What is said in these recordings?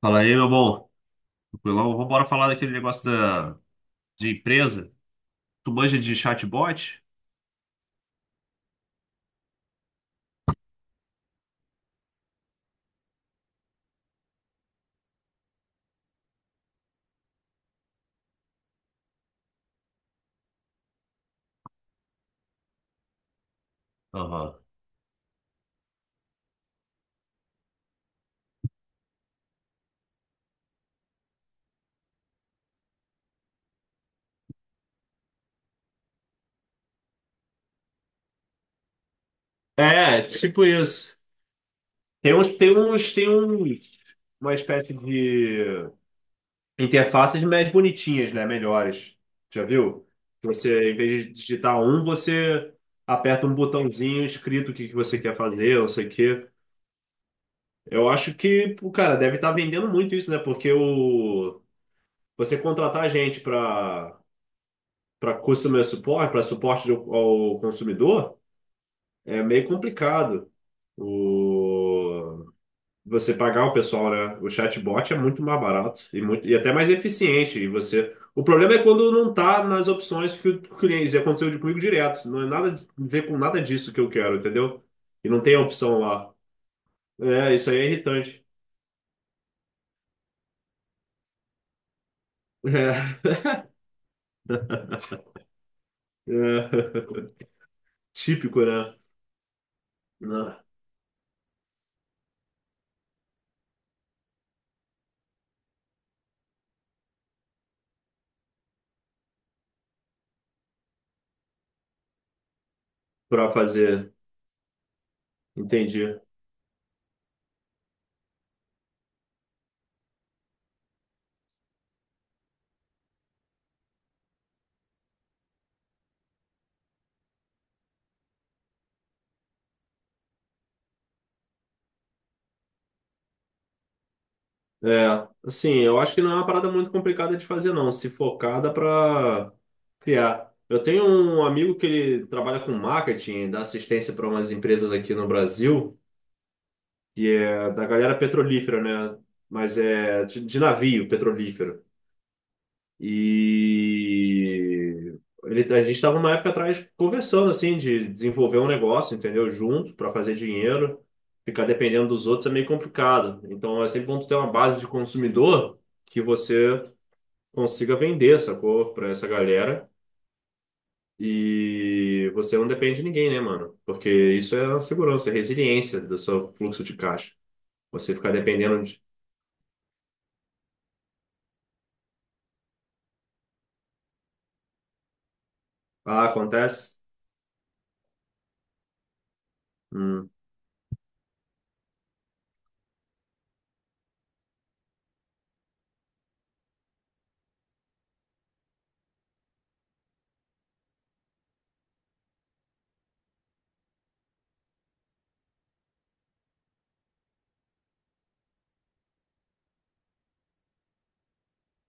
Fala aí, meu bom. Tranquilão? Vamos embora falar daquele negócio de empresa. Tu manja de chatbot? Aham. É, tipo isso. Tem uns, tem uns, tem uns, uma espécie de interfaces mais bonitinhas, né? Melhores. Já viu? Que você, em vez de digitar um, você aperta um botãozinho escrito o que que você quer fazer, não sei o quê. Eu acho que, pô, cara, deve estar vendendo muito isso, né? Você contratar gente para customer support, para suporte ao consumidor, é meio complicado o você pagar o pessoal, né? O chatbot é muito mais barato e, muito, e até mais eficiente. E você, o problema é quando não está nas opções que o cliente, já aconteceu comigo direto, não é nada a ver com nada disso que eu quero, entendeu? E não tem a opção lá. É, isso aí é irritante. É, é, típico, né? Para fazer, entendi. É, assim, eu acho que não é uma parada muito complicada de fazer, não. Se focada para criar. Eu tenho um amigo que ele trabalha com marketing, dá assistência para umas empresas aqui no Brasil, que é da galera petrolífera, né? Mas é de navio petrolífero. E ele, a gente estava uma época atrás conversando, assim, de desenvolver um negócio, entendeu? Junto, para fazer dinheiro. Ficar dependendo dos outros é meio complicado. Então é sempre bom tu ter uma base de consumidor que você consiga vender essa cor pra essa galera e você não depende de ninguém, né, mano? Porque isso é a segurança, é a resiliência do seu fluxo de caixa. Você ficar dependendo de. Ah, acontece? Hum.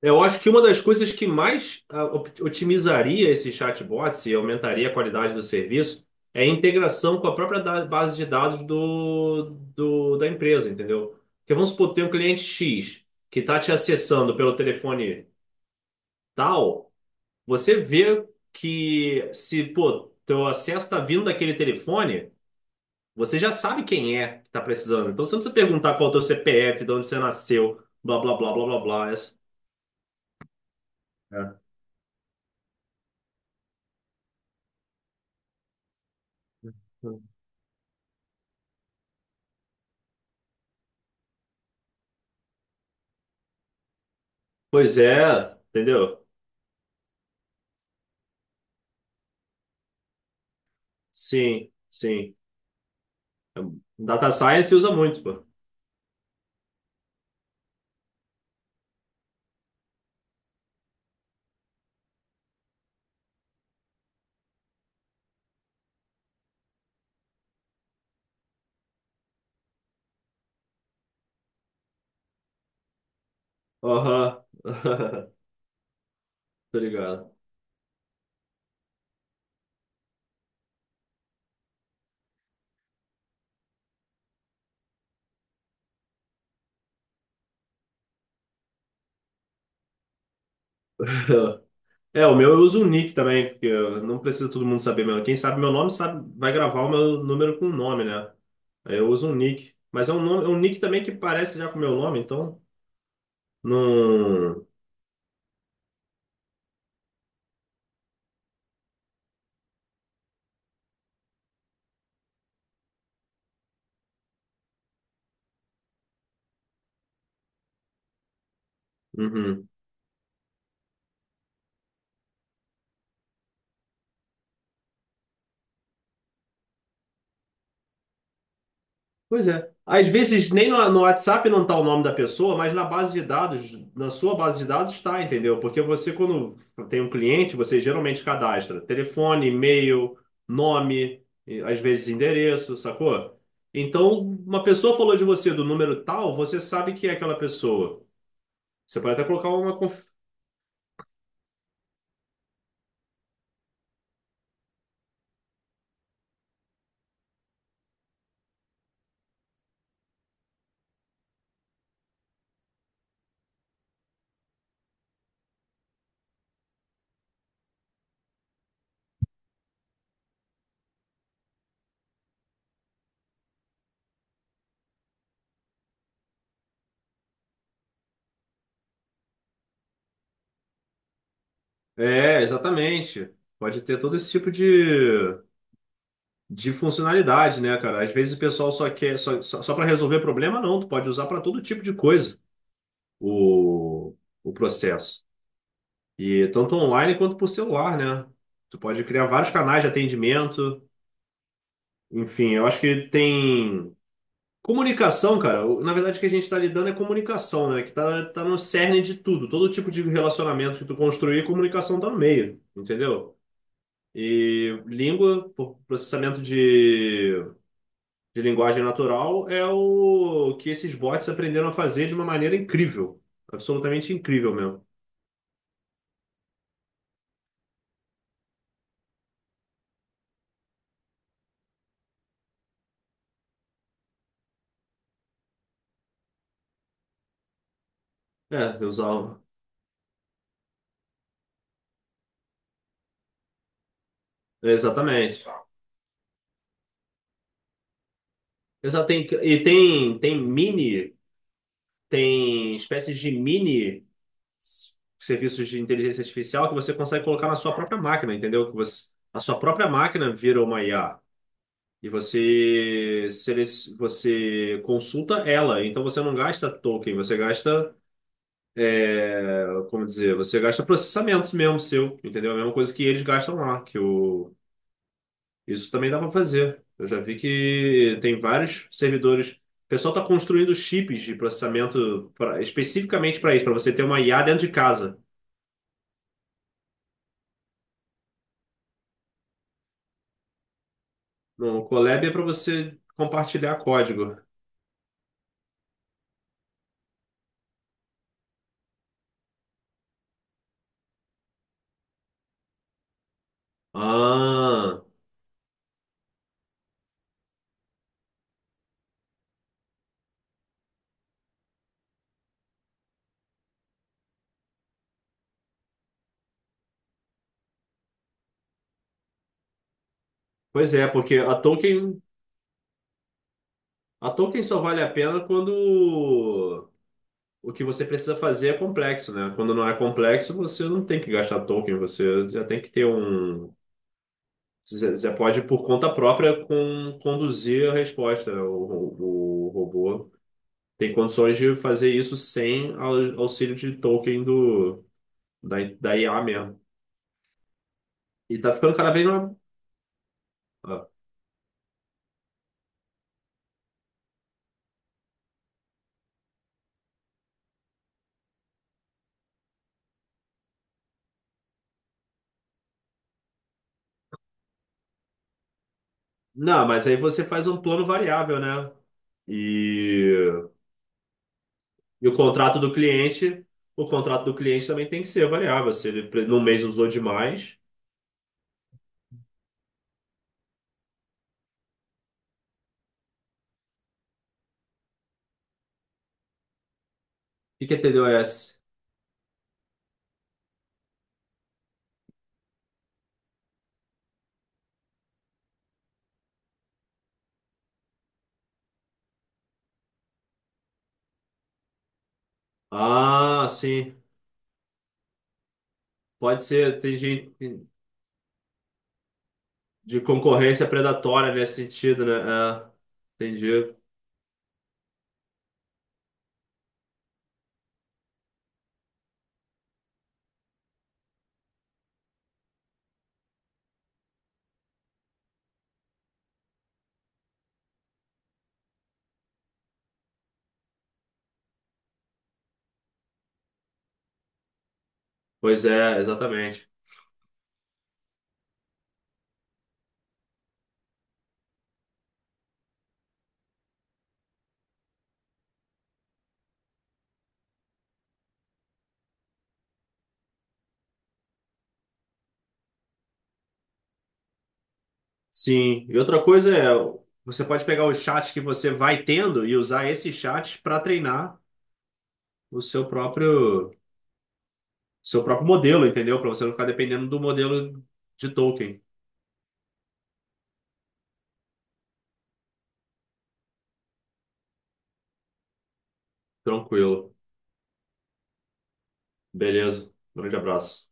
Eu acho que uma das coisas que mais otimizaria esses chatbots e aumentaria a qualidade do serviço é a integração com a própria base de dados da empresa, entendeu? Porque vamos supor, tem um cliente X que está te acessando pelo telefone tal. Você vê que se, pô, teu acesso tá vindo daquele telefone, você já sabe quem é que tá precisando. Então você não precisa perguntar qual é o teu CPF, de onde você nasceu, blá, blá, blá, blá, blá, blá. É. Pois é, entendeu? Sim, sim. Data Science usa muito, pô. Aham. Tô ligado. É, o meu eu uso o nick também, porque eu não preciso todo mundo saber meu. Quem sabe meu nome sabe, vai gravar o meu número com o nome, né? Eu uso um nick. Mas é um nome, é um nick também que parece já com o meu nome, então. Não. Uhum. Pois é. Às vezes nem no WhatsApp não tá o nome da pessoa, mas na base de dados, na sua base de dados está, entendeu? Porque você, quando tem um cliente, você geralmente cadastra telefone, e-mail, nome, e às vezes endereço, sacou? Então, uma pessoa falou de você do número tal, você sabe que é aquela pessoa. Você pode até colocar uma. É, exatamente. Pode ter todo esse tipo de funcionalidade, né, cara? Às vezes o pessoal só quer só, só, só para resolver problema, não. Tu pode usar para todo tipo de coisa o, o processo. E tanto online quanto por celular, né? Tu pode criar vários canais de atendimento. Enfim, eu acho que tem comunicação, cara. Na verdade, o que a gente está lidando é comunicação, né? Que tá no cerne de tudo. Todo tipo de relacionamento que tu construir, comunicação tá no meio, entendeu? Por processamento de linguagem natural é o que esses bots aprenderam a fazer de uma maneira incrível. Absolutamente incrível mesmo. É, eu usava. Exatamente. Exato, tem, e tem, tem mini, tem espécies de mini s- serviços de inteligência artificial que você consegue colocar na sua própria máquina, entendeu? Que você, a sua própria máquina vira uma IA. E você, você consulta ela, então você não gasta token, você gasta como dizer, você gasta processamentos mesmo seu, entendeu? A mesma coisa que eles gastam lá, isso também dá para fazer. Eu já vi que tem vários servidores. O pessoal está construindo chips de processamento especificamente para isso, para você ter uma IA dentro de casa. No Colab é para você compartilhar código. Ah, pois é, porque a token, só vale a pena quando o que você precisa fazer é complexo, né? Quando não é complexo, você não tem que gastar token, você já tem que ter um. Você pode, por conta própria, conduzir a resposta. O robô tem condições de fazer isso sem auxílio de token da IA mesmo. E tá ficando cada vez mais. Ah. Não, mas aí você faz um plano variável, né? E, e o contrato do cliente, o contrato do cliente também tem que ser variável. Se ele num mês usou demais. O que que é TDOS? Ah, sim. Pode ser. Tem gente de concorrência predatória nesse sentido, né? É, entendi. Pois é, exatamente. Sim. E outra coisa é, você pode pegar o chat que você vai tendo e usar esse chat para treinar o seu próprio modelo, entendeu? Para você não ficar dependendo do modelo de token. Tranquilo. Beleza. Um grande abraço.